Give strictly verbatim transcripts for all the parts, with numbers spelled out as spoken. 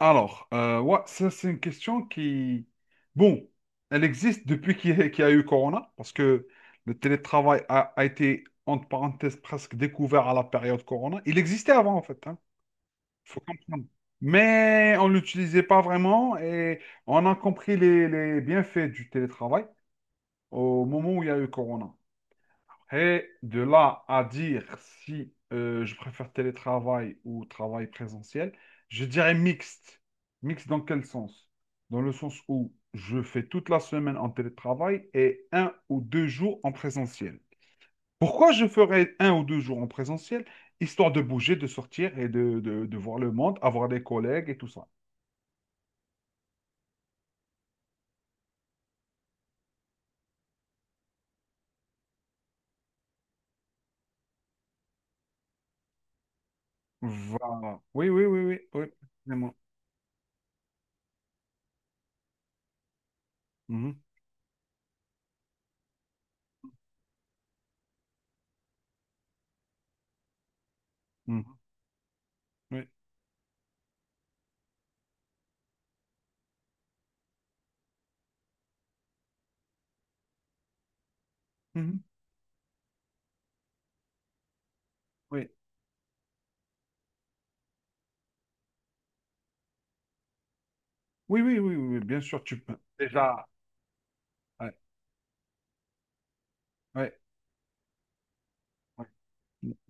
Alors, euh, ouais, ça c'est une question qui, bon, elle existe depuis qu'il y a qu'il y a eu Corona, parce que le télétravail a, a été, entre parenthèses, presque découvert à la période Corona. Il existait avant, en fait, hein. Faut comprendre. Mais on ne l'utilisait pas vraiment et on a compris les, les bienfaits du télétravail au moment où il y a eu Corona. Et de là à dire si euh, je préfère télétravail ou travail présentiel, je dirais mixte. Mixte dans quel sens? Dans le sens où je fais toute la semaine en télétravail et un ou deux jours en présentiel. Pourquoi je ferais un ou deux jours en présentiel? Histoire de bouger, de sortir et de, de- de voir le monde, avoir des collègues et tout ça. Voilà. Oui, oui, oui, oui, oui. Vraiment. Mhm, mhm, oui, mhm, oui. Oui, oui, oui, oui, oui, bien sûr, tu peux. Déjà. ouais. Oui,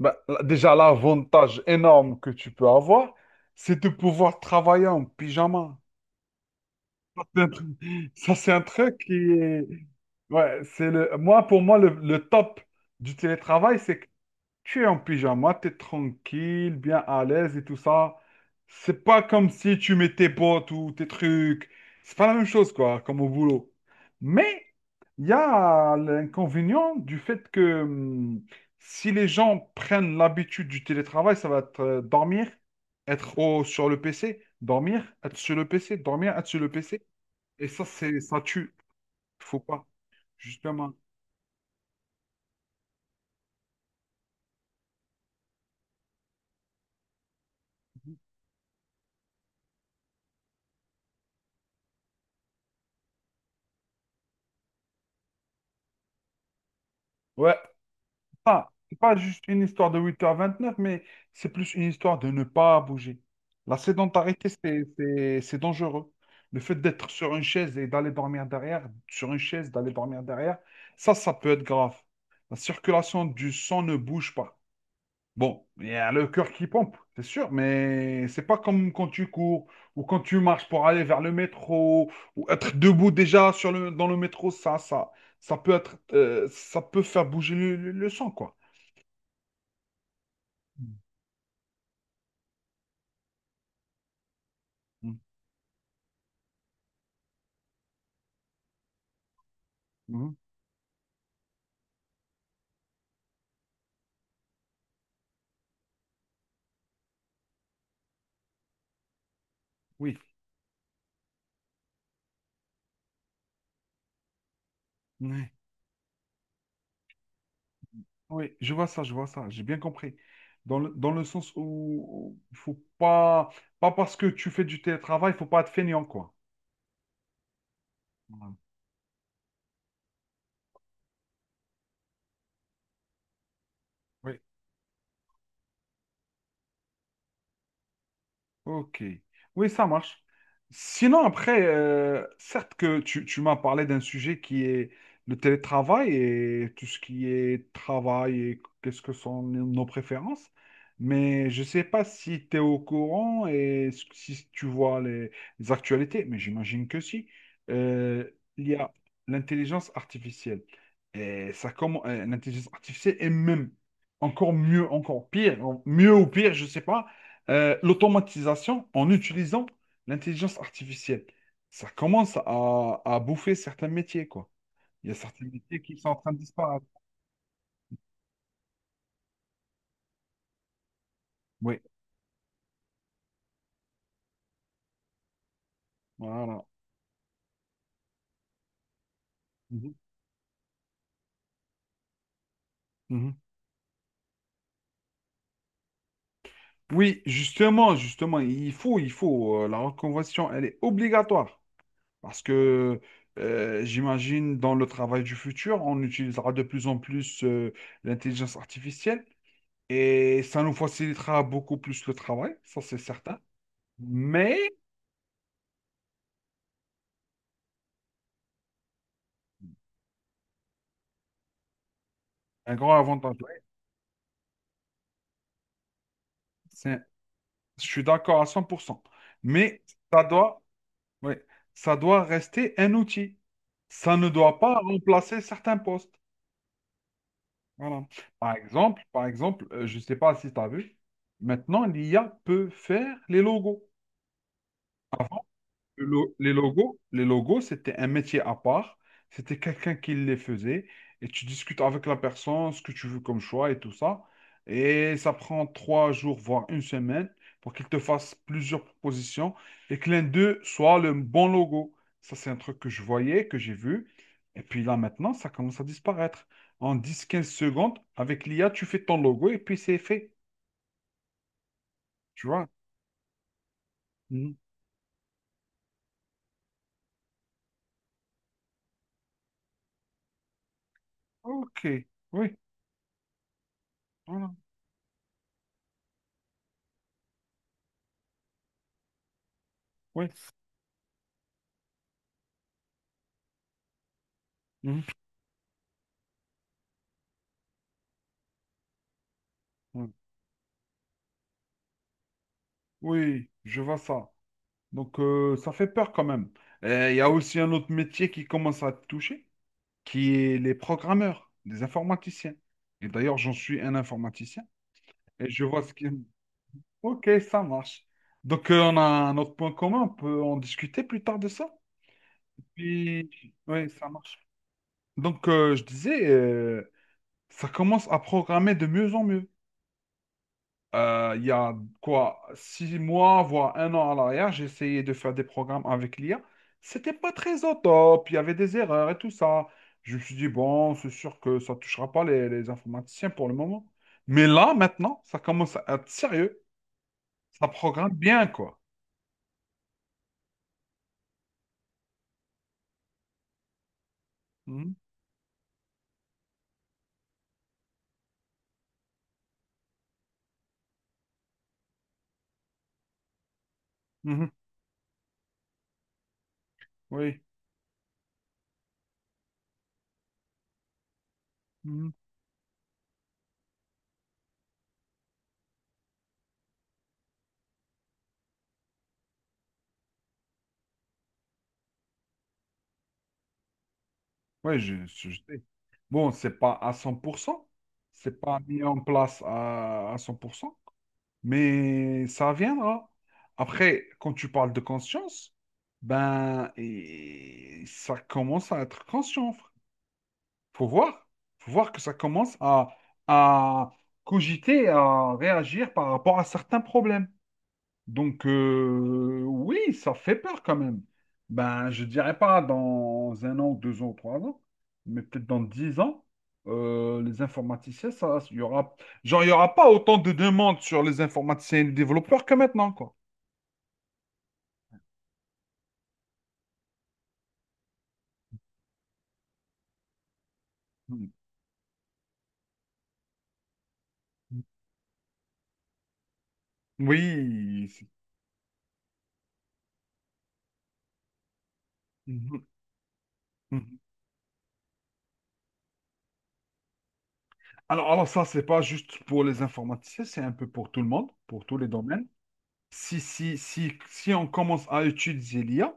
ben, là, déjà, l'avantage énorme que tu peux avoir, c'est de pouvoir travailler en pyjama. Ça, c'est un truc. Ça, c'est un truc qui est... Ouais, c'est le... Moi, pour moi, le, le top du télétravail, c'est que tu es en pyjama, tu es tranquille, bien à l'aise et tout ça. C'est pas comme si tu mets tes bottes ou tes trucs. C'est pas la même chose, quoi, comme au boulot. Mais il y a l'inconvénient du fait que hum, si les gens prennent l'habitude du télétravail, ça va être euh, dormir, être au- sur le P C, dormir, être sur le P C, dormir, être sur le P C. Et ça, c'est, ça tue. Faut pas, justement. Ouais. pas, C'est pas juste une histoire de huit heures vingt-neuf, mais c'est plus une histoire de ne pas bouger. La sédentarité, c'est, c'est, c'est dangereux. Le fait d'être sur une chaise et d'aller dormir derrière, sur une chaise, d'aller dormir derrière, ça, ça peut être grave. La circulation du sang ne bouge pas. Bon, il y a le cœur qui pompe, c'est sûr, mais c'est pas comme quand tu cours ou quand tu marches pour aller vers le métro ou être debout déjà sur le, dans le métro, ça, ça, ça peut être, euh, ça peut faire bouger le, le- le sang, quoi. Mhm. Mhm. Oui, oui, ouais. Oui, je vois ça, je vois ça, j'ai bien compris. Dans le, dans le sens où il faut pas, pas parce que tu fais du télétravail, il faut pas être feignant quoi. Voilà. Ok. Oui, ça marche. Sinon, après, euh, certes que tu, tu m'as parlé d'un sujet qui est le télétravail et tout ce qui est travail et qu'est-ce que sont nos nos préférences, mais je ne sais pas si tu es au courant et s- si tu vois les, les actualités, mais j'imagine que si. Euh, il y a l'intelligence artificielle. Et ça commence, l'intelligence artificielle est même encore mieux, encore pire, en- mieux ou pire, je ne sais pas euh, l'automatisation en utilisant l'intelligence artificielle. Ça commence à, à bouffer certains métiers, quoi. Il y a certains métiers qui sont en train de disparaître. Oui, voilà. Mhm. Mhm. Oui, justement, justement, il faut, il faut, euh, la reconversion, elle est obligatoire parce que euh, j'imagine dans le travail du futur, on utilisera de plus en plus euh, l'intelligence artificielle et ça nous facilitera beaucoup plus le travail, ça c'est certain. Mais un grand avantage. C'est- Je suis d'accord à cent pour cent. Mais ça doit, oui, ça doit rester un outil. Ça ne doit pas remplacer certains postes. Voilà. Par exemple, par exemple, euh, je ne sais pas si tu as vu, maintenant l'I A peut faire les logos. Le lo- Les logos, les logos, c'était un métier à part. C'était quelqu'un qui les faisait. Et tu discutes avec la personne, ce que tu veux comme choix et tout ça. Et ça prend trois jours, voire une semaine, pour qu'il te fasse plusieurs propositions et que l'un d'eux soit le bon logo. Ça, c'est un truc que je voyais, que j'ai vu. Et puis là, maintenant, ça commence à disparaître. En dix quinze secondes, avec l'I A, tu fais ton logo et puis c'est fait. Tu vois? Mhm. Ok. Oui. Voilà. Oui. Mhm. Ouais. Oui, je vois ça. Donc, euh, ça fait peur quand même. Et il y a aussi un autre métier qui commence à te toucher, qui est les programmeurs, les informaticiens. Et d'ailleurs, j'en suis un informaticien et je vois ce qui... Ok, ça marche. Donc, euh, on a un autre point commun, on peut en discuter plus tard de ça. Puis, oui, ça marche. Donc, euh, je disais, euh, ça commence à programmer de mieux en mieux. Euh, il y a quoi, six mois, voire un an à l'arrière, j'ai essayé de faire des programmes avec l'I A. C'était pas très au top, il y avait des erreurs et tout ça. Je me suis dit, bon, c'est sûr que ça touchera pas les, les informaticiens pour le moment. Mais là, maintenant, ça commence à être sérieux. Ça programme bien, quoi. Mhm, mhm, oui, mhm. Oui, je, je- je sais. Bon, c'est pas à cent pour cent. C'est pas mis en place à, à cent pour cent. Mais ça viendra. Après, quand tu parles de conscience, ben, et ça commence à être conscient. fr- Faut voir. Faut voir que ça commence à, à cogiter, à réagir par rapport à certains problèmes. Donc, euh, oui, ça fait peur quand même. Ben, je dirais pas dans un an, deux ans, trois ans, mais peut-être dans dix ans, euh, les informaticiens, ça, il y aura, genre, il y aura pas autant de demandes sur les informaticiens et les développeurs que maintenant, quoi. Mm. Oui. c'est- Mhm, mhm. Alors, alors ça, c'est pas juste pour les informaticiens, c'est un peu pour tout le monde, pour tous les domaines. Si, si, si, si on commence à utiliser l'I A,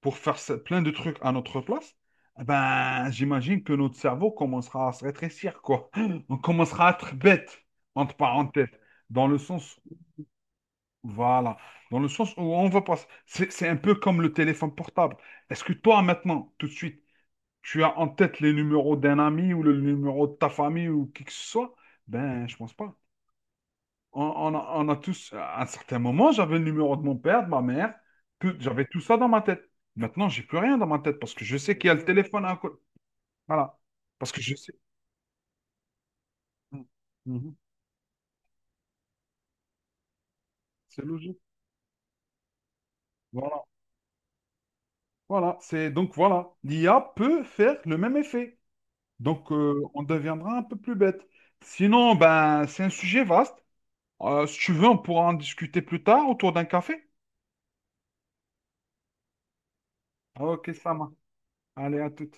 pour faire ça- plein de trucs à notre place, eh ben, j'imagine que notre cerveau commencera à se rétrécir, quoi. On commencera à être bête, entre parenthèses, dans le sens, voilà, dans le sens où on va passer. C'est, c'est un peu comme le téléphone portable. Est-ce que toi, maintenant, tout de suite, tu as en tête les numéros d'un ami ou le numéro de ta famille ou qui que ce soit? Ben, je pense pas. On, on a, on a tous, à un certain moment, j'avais le numéro de mon père, de ma mère, tout- j'avais tout ça dans ma tête. Maintenant, j'ai plus rien dans ma tête parce que je sais qu'il y a le téléphone à côté. Voilà. Parce que je sais. Mhm. Mhm. C'est logique. Voilà. Voilà. C'est donc voilà. L'I A peut faire le même effet. Donc, euh, on deviendra un peu plus bête. Sinon, ben, c'est un sujet vaste. Euh, si tu veux, on pourra en discuter plus tard autour d'un café. Ok, ça marche. Allez, à tout.